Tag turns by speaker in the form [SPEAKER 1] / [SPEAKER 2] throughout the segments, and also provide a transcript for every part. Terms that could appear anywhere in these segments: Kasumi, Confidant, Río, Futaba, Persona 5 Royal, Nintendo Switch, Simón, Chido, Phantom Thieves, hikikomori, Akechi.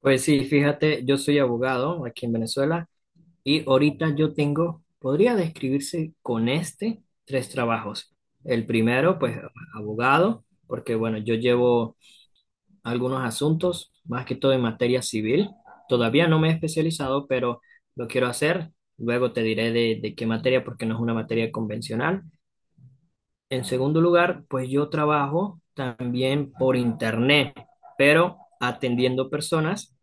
[SPEAKER 1] Pues sí, fíjate, yo soy abogado aquí en Venezuela y ahorita yo tengo, podría describirse con tres trabajos. El primero, pues abogado, porque bueno, yo llevo algunos asuntos, más que todo en materia civil. Todavía no me he especializado, pero lo quiero hacer. Luego te diré de qué materia, porque no es una materia convencional. En segundo lugar, pues yo trabajo también por internet, pero atendiendo personas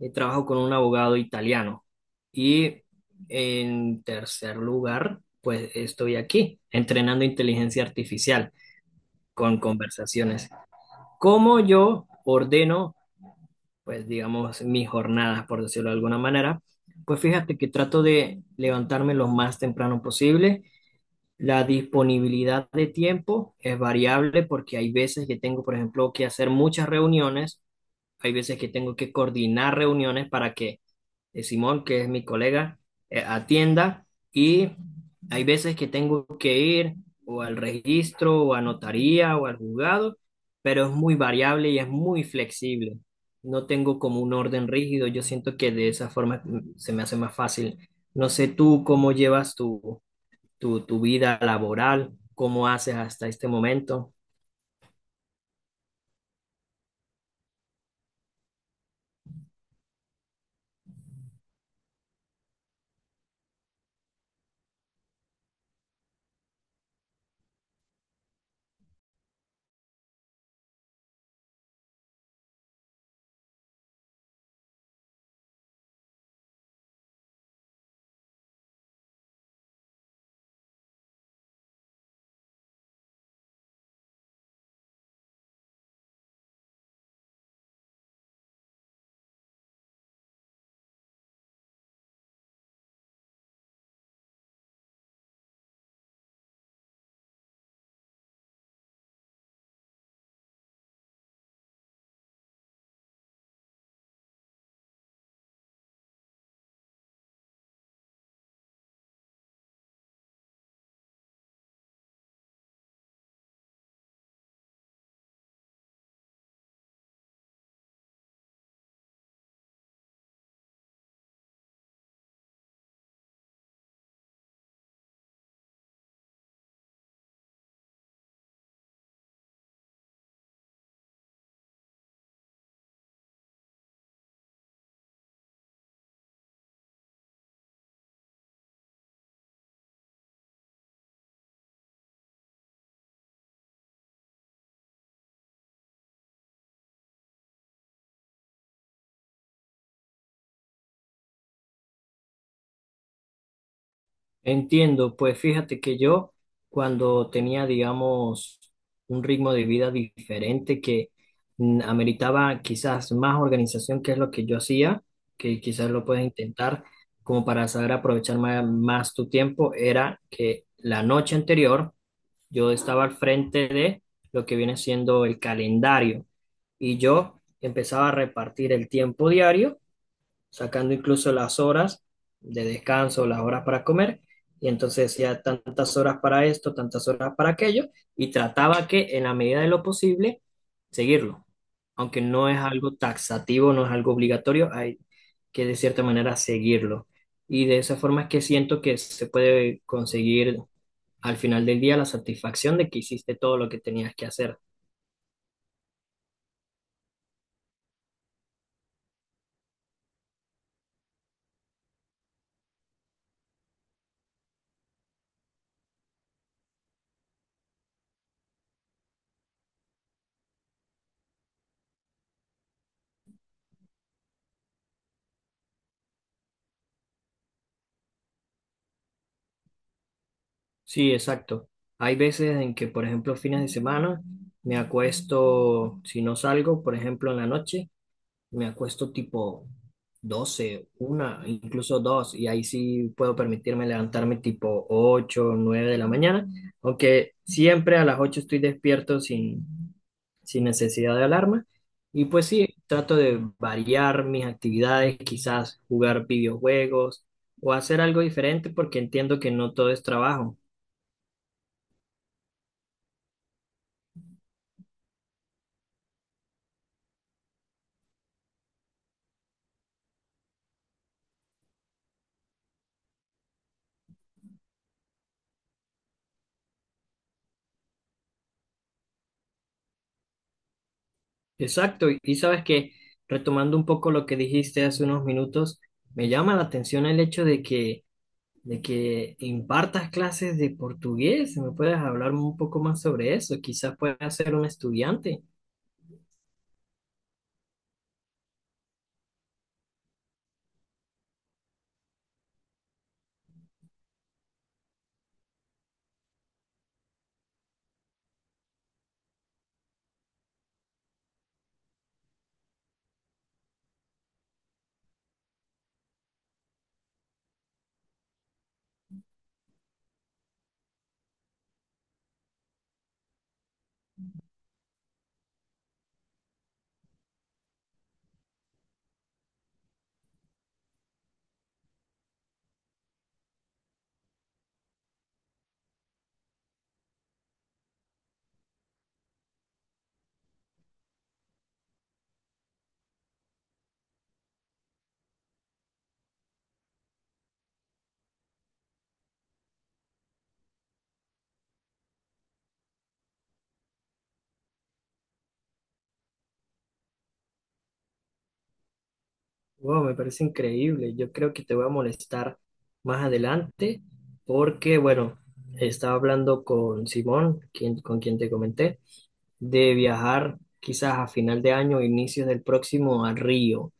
[SPEAKER 1] trabajo con un abogado italiano. Y en tercer lugar, pues estoy aquí entrenando inteligencia artificial con conversaciones. ¿Cómo yo ordeno, pues digamos, mis jornadas, por decirlo de alguna manera? Pues fíjate que trato de levantarme lo más temprano posible. La disponibilidad de tiempo es variable porque hay veces que tengo, por ejemplo, que hacer muchas reuniones, hay veces que tengo que coordinar reuniones para que Simón, que es mi colega, atienda y hay veces que tengo que ir o al registro o a notaría o al juzgado, pero es muy variable y es muy flexible. No tengo como un orden rígido, yo siento que de esa forma se me hace más fácil. No sé tú cómo llevas tu vida laboral, cómo haces hasta este momento. Entiendo, pues fíjate que yo cuando tenía, digamos, un ritmo de vida diferente que ameritaba quizás más organización, que es lo que yo hacía, que quizás lo puedes intentar como para saber aprovechar más, tu tiempo, era que la noche anterior yo estaba al frente de lo que viene siendo el calendario y yo empezaba a repartir el tiempo diario sacando incluso las horas de descanso, las horas para comer, y entonces decía tantas horas para esto, tantas horas para aquello, y trataba que en la medida de lo posible seguirlo, aunque no es algo taxativo, no es algo obligatorio, hay que de cierta manera seguirlo. Y de esa forma es que siento que se puede conseguir al final del día la satisfacción de que hiciste todo lo que tenías que hacer. Sí, exacto. Hay veces en que, por ejemplo, fines de semana me acuesto, si no salgo, por ejemplo, en la noche, me acuesto tipo 12, una, incluso 2, y ahí sí puedo permitirme levantarme tipo 8, 9 de la mañana, aunque siempre a las 8 estoy despierto sin necesidad de alarma. Y pues sí, trato de variar mis actividades, quizás jugar videojuegos o hacer algo diferente porque entiendo que no todo es trabajo. Exacto, y sabes que retomando un poco lo que dijiste hace unos minutos, me llama la atención el hecho de que impartas clases de portugués. ¿Me puedes hablar un poco más sobre eso? Quizás puedas ser un estudiante. Wow, me parece increíble. Yo creo que te voy a molestar más adelante porque, bueno, estaba hablando con Simón, quien, con quien te comenté, de viajar quizás a final de año o inicios del próximo a Río.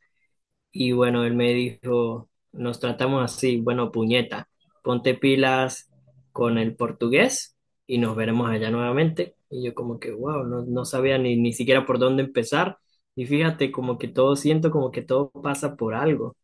[SPEAKER 1] Y bueno, él me dijo, nos tratamos así, bueno, puñeta, ponte pilas con el portugués y nos veremos allá nuevamente. Y yo como que, wow, no, no sabía ni siquiera por dónde empezar. Y fíjate, como que todo siento, como que todo pasa por algo.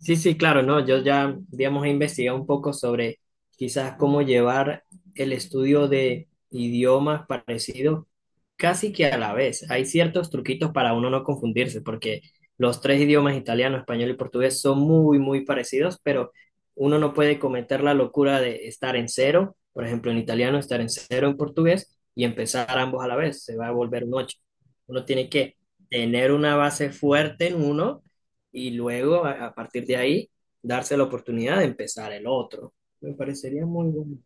[SPEAKER 1] Sí, sí, claro, no, yo ya, digamos, he investigado un poco sobre quizás cómo llevar el estudio de idiomas parecidos casi que a la vez. Hay ciertos truquitos para uno no confundirse, porque los tres idiomas, italiano, español y portugués, son muy, muy parecidos, pero uno no puede cometer la locura de estar en cero, por ejemplo, en italiano, estar en cero en portugués y empezar ambos a la vez, se va a volver un ocho. Uno tiene que tener una base fuerte en uno y luego a partir de ahí darse la oportunidad de empezar el otro. Me parecería muy bueno.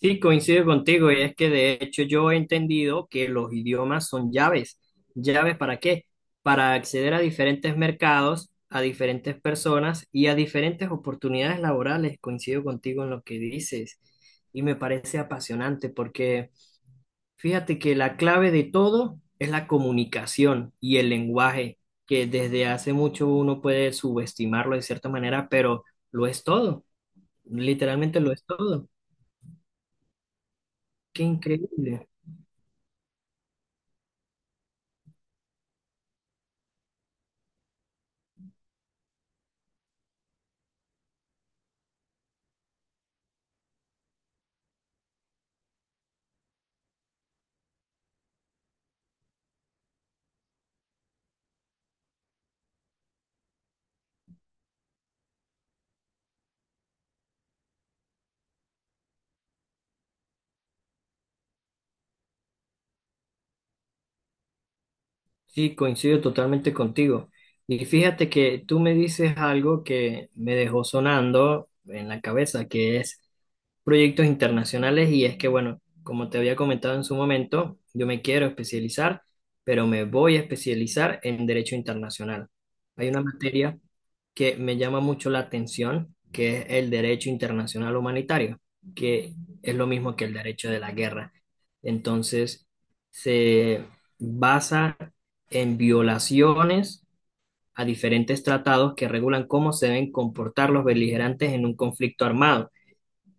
[SPEAKER 1] Sí, coincido contigo y es que de hecho yo he entendido que los idiomas son llaves. ¿Llaves para qué? Para acceder a diferentes mercados, a diferentes personas y a diferentes oportunidades laborales. Coincido contigo en lo que dices y me parece apasionante porque... Fíjate que la clave de todo es la comunicación y el lenguaje, que desde hace mucho uno puede subestimarlo de cierta manera, pero lo es todo, literalmente lo es todo. Qué increíble. Sí, coincido totalmente contigo. Y fíjate que tú me dices algo que me dejó sonando en la cabeza, que es proyectos internacionales. Y es que, bueno, como te había comentado en su momento, yo me quiero especializar, pero me voy a especializar en derecho internacional. Hay una materia que me llama mucho la atención, que es el derecho internacional humanitario, que es lo mismo que el derecho de la guerra. Entonces, se basa en violaciones a diferentes tratados que regulan cómo se deben comportar los beligerantes en un conflicto armado.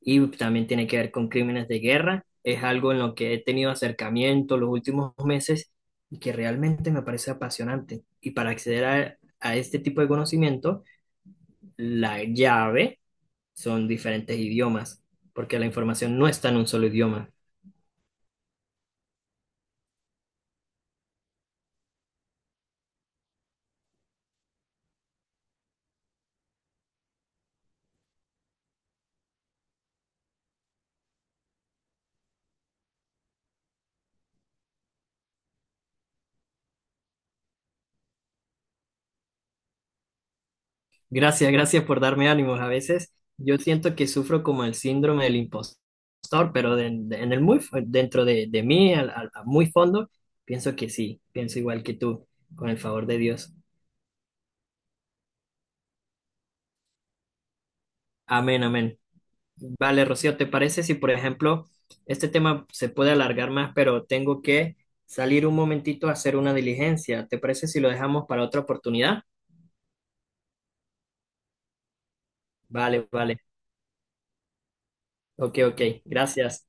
[SPEAKER 1] Y también tiene que ver con crímenes de guerra. Es algo en lo que he tenido acercamiento los últimos meses y que realmente me parece apasionante. Y para acceder a este tipo de conocimiento, la llave son diferentes idiomas, porque la información no está en un solo idioma. Gracias, gracias por darme ánimos. A veces yo siento que sufro como el síndrome del impostor, pero en el muy, dentro de mí, a muy fondo, pienso que sí, pienso igual que tú, con el favor de Dios. Amén, amén. Vale, Rocío, ¿te parece si, por ejemplo, este tema se puede alargar más, pero tengo que salir un momentito a hacer una diligencia? ¿Te parece si lo dejamos para otra oportunidad? Vale, vale. Ok, ok. Gracias.